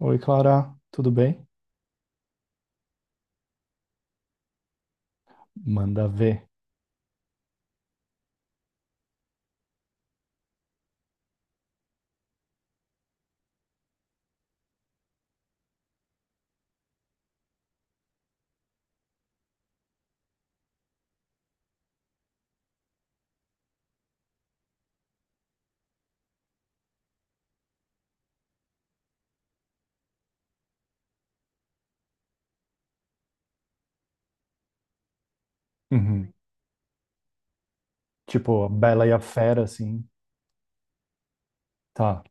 Oi, Clara, tudo bem? Manda ver. Uhum. Tipo, a Bela e a Fera, assim. Tá.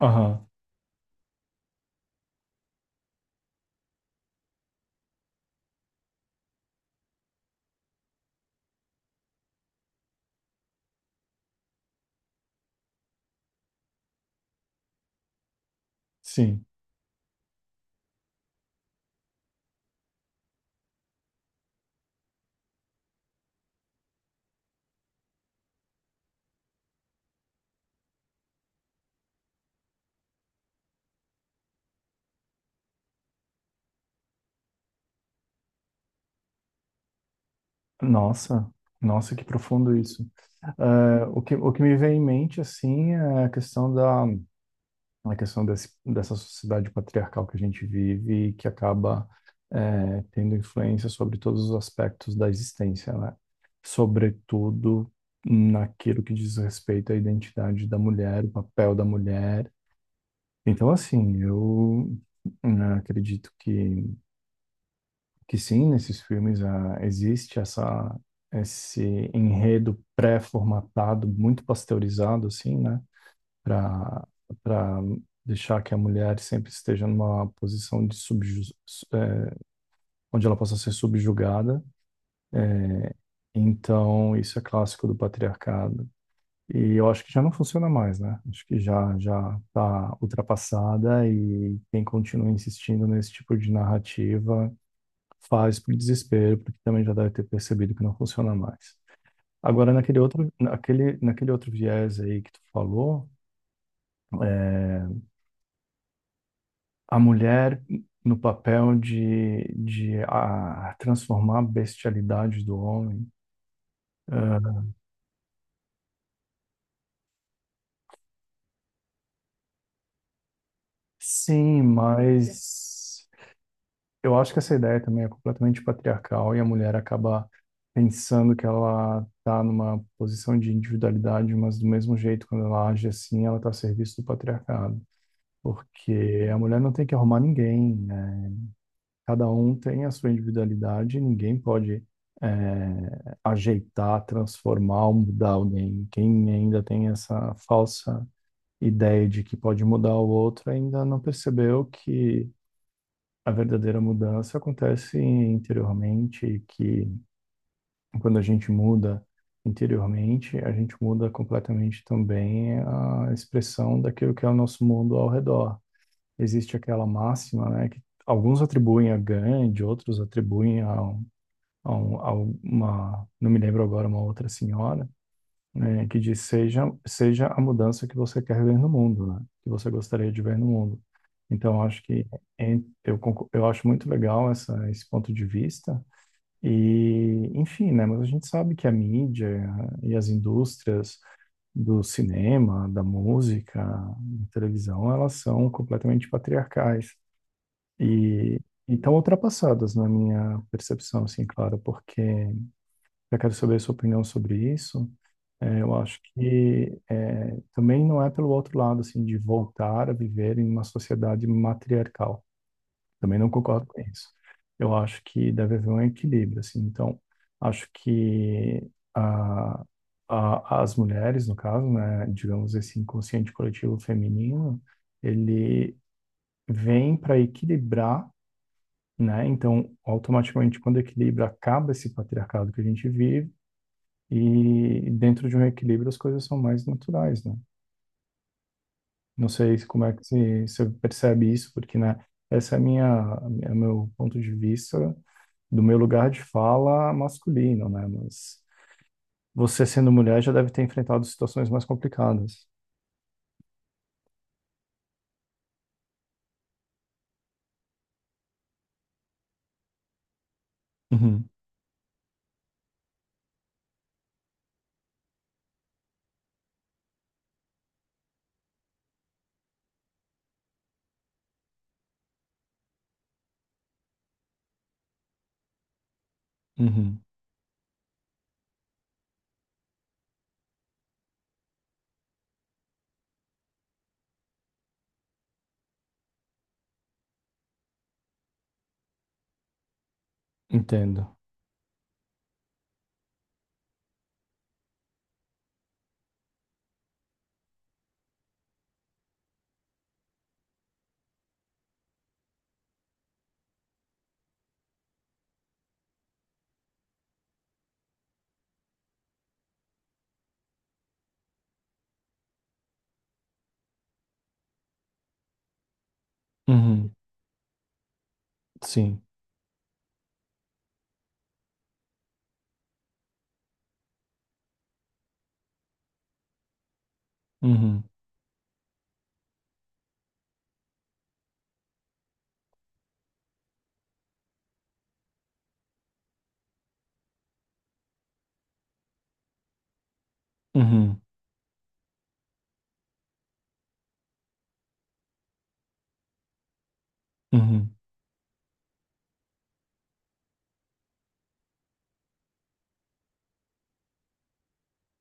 Aham, sim. Nossa, nossa, que profundo isso. É, o que, o que me vem em mente, assim, é a questão da, a questão desse, dessa sociedade patriarcal que a gente vive e que acaba, tendo influência sobre todos os aspectos da existência, né? Sobretudo naquilo que diz respeito à identidade da mulher, o papel da mulher. Então, assim, eu, né, acredito que sim, nesses filmes existe essa, esse enredo pré-formatado, muito pasteurizado, assim, né? Para para deixar que a mulher sempre esteja numa posição de onde ela possa ser subjugada. Então, isso é clássico do patriarcado. E eu acho que já não funciona mais, né? Acho que já está ultrapassada e quem continua insistindo nesse tipo de narrativa faz por desespero, porque também já deve ter percebido que não funciona mais. Agora, naquele outro, naquele outro viés aí que tu falou, a mulher no papel de, de transformar a bestialidade do homem. Ah, sim, mas eu acho que essa ideia também é completamente patriarcal e a mulher acaba pensando que ela está numa posição de individualidade, mas do mesmo jeito, quando ela age assim, ela está a serviço do patriarcado. Porque a mulher não tem que arrumar ninguém, né? Cada um tem a sua individualidade, ninguém pode, é, ajeitar, transformar ou mudar alguém. Quem ainda tem essa falsa ideia de que pode mudar o outro ainda não percebeu que a verdadeira mudança acontece interiormente, e que quando a gente muda interiormente, a gente muda completamente também a expressão daquilo que é o nosso mundo ao redor. Existe aquela máxima, né, que alguns atribuem a Gandhi, outros atribuem a, a, um- a uma, não me lembro agora, uma outra senhora, né, que diz seja, a mudança que você quer ver no mundo, né, que você gostaria de ver no mundo. Então, eu acho que eu acho muito legal essa, esse ponto de vista. E, enfim, né, mas a gente sabe que a mídia e as indústrias do cinema, da música, da televisão, elas são completamente patriarcais. E estão ultrapassadas na minha percepção, assim, claro, porque eu quero saber a sua opinião sobre isso. É, eu acho que é, também não é pelo outro lado, assim, de voltar a viver em uma sociedade matriarcal. Também não concordo com isso. Eu acho que deve haver um equilíbrio, assim. Então, acho que a, as mulheres, no caso, né, digamos esse inconsciente coletivo feminino, ele vem para equilibrar, né? Então, automaticamente, quando o equilíbrio acaba esse patriarcado que a gente vive, e dentro de um equilíbrio as coisas são mais naturais, né? Não sei como é que você percebe isso, porque, né, essa é a minha, é meu ponto de vista do meu lugar de fala masculino, né? Mas você sendo mulher já deve ter enfrentado situações mais complicadas. Uhum, uhum, entendo. Uhum, sim. Uhum, uhum, uhum,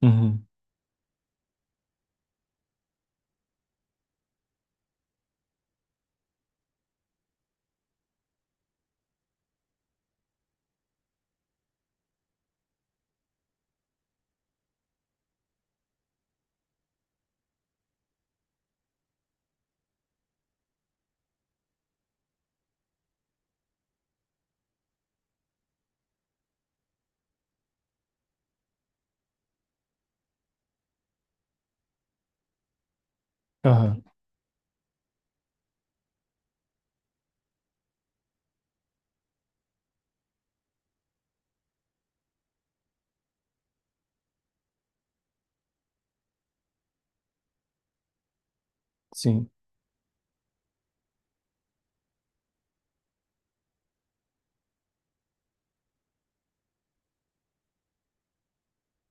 uhum, aham, sim.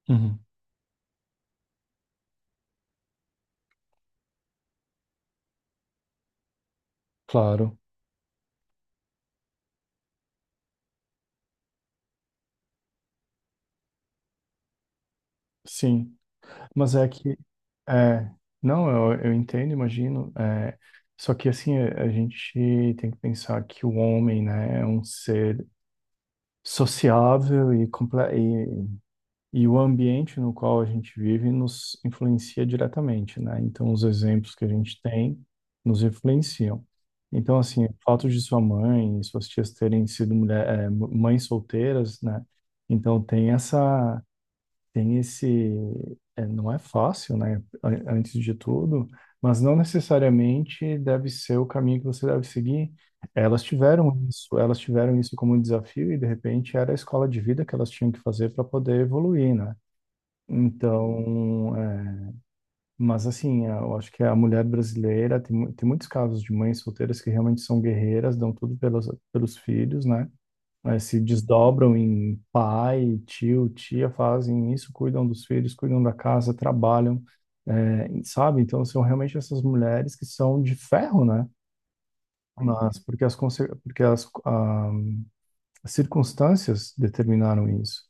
Uhum, claro, sim. Mas é que, é, não, eu entendo, imagino. Só que assim, a gente tem que pensar que o homem, né, é um ser sociável e, e o ambiente no qual a gente vive nos influencia diretamente, né? Então, os exemplos que a gente tem nos influenciam. Então, assim, o fato de sua mãe e suas tias terem sido mães solteiras, né? Então, tem essa, tem esse. Não é fácil, né? Antes de tudo, mas não necessariamente deve ser o caminho que você deve seguir. Elas tiveram isso como desafio e de repente era a escola de vida que elas tinham que fazer para poder evoluir, né? Então, é, mas assim, é, eu acho que a mulher brasileira tem, tem muitos casos de mães solteiras que realmente são guerreiras, dão tudo pelas, pelos filhos, né? Né, se desdobram em pai, tio, tia, fazem isso, cuidam dos filhos, cuidam da casa, trabalham, é, sabe? Então são realmente essas mulheres que são de ferro, né? Mas porque porque as, ah, as circunstâncias determinaram isso.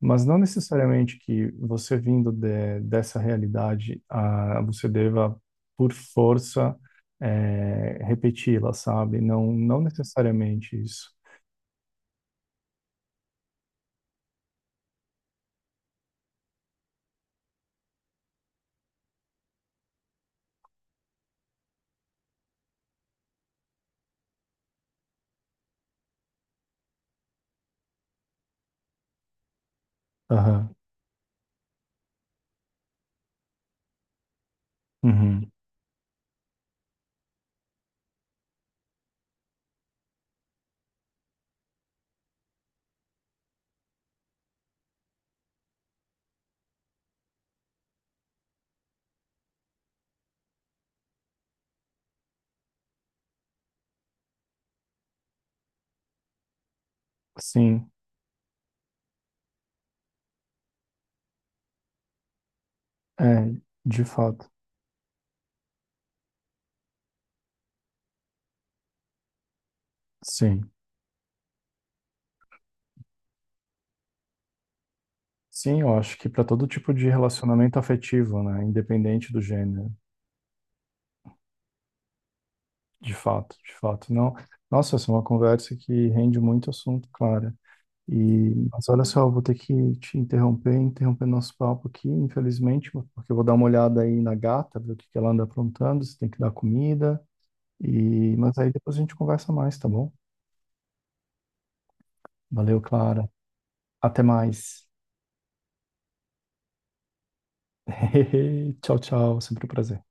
Mas não necessariamente que você vindo de, dessa realidade, ah, você deva, por força, repeti-la, sabe? Não, não necessariamente isso. Aham. Uhum. Sim. É, de fato, sim. Sim, eu acho que para todo tipo de relacionamento afetivo, né, independente do gênero, de fato, não. Nossa, essa é uma conversa que rende muito assunto, Clara. E, mas olha só, eu vou ter que te interromper, interromper nosso papo aqui, infelizmente, porque eu vou dar uma olhada aí na gata, ver o que que ela anda aprontando, se tem que dar comida. E, mas aí depois a gente conversa mais, tá bom? Valeu, Clara. Até mais. Tchau, tchau. Sempre um prazer.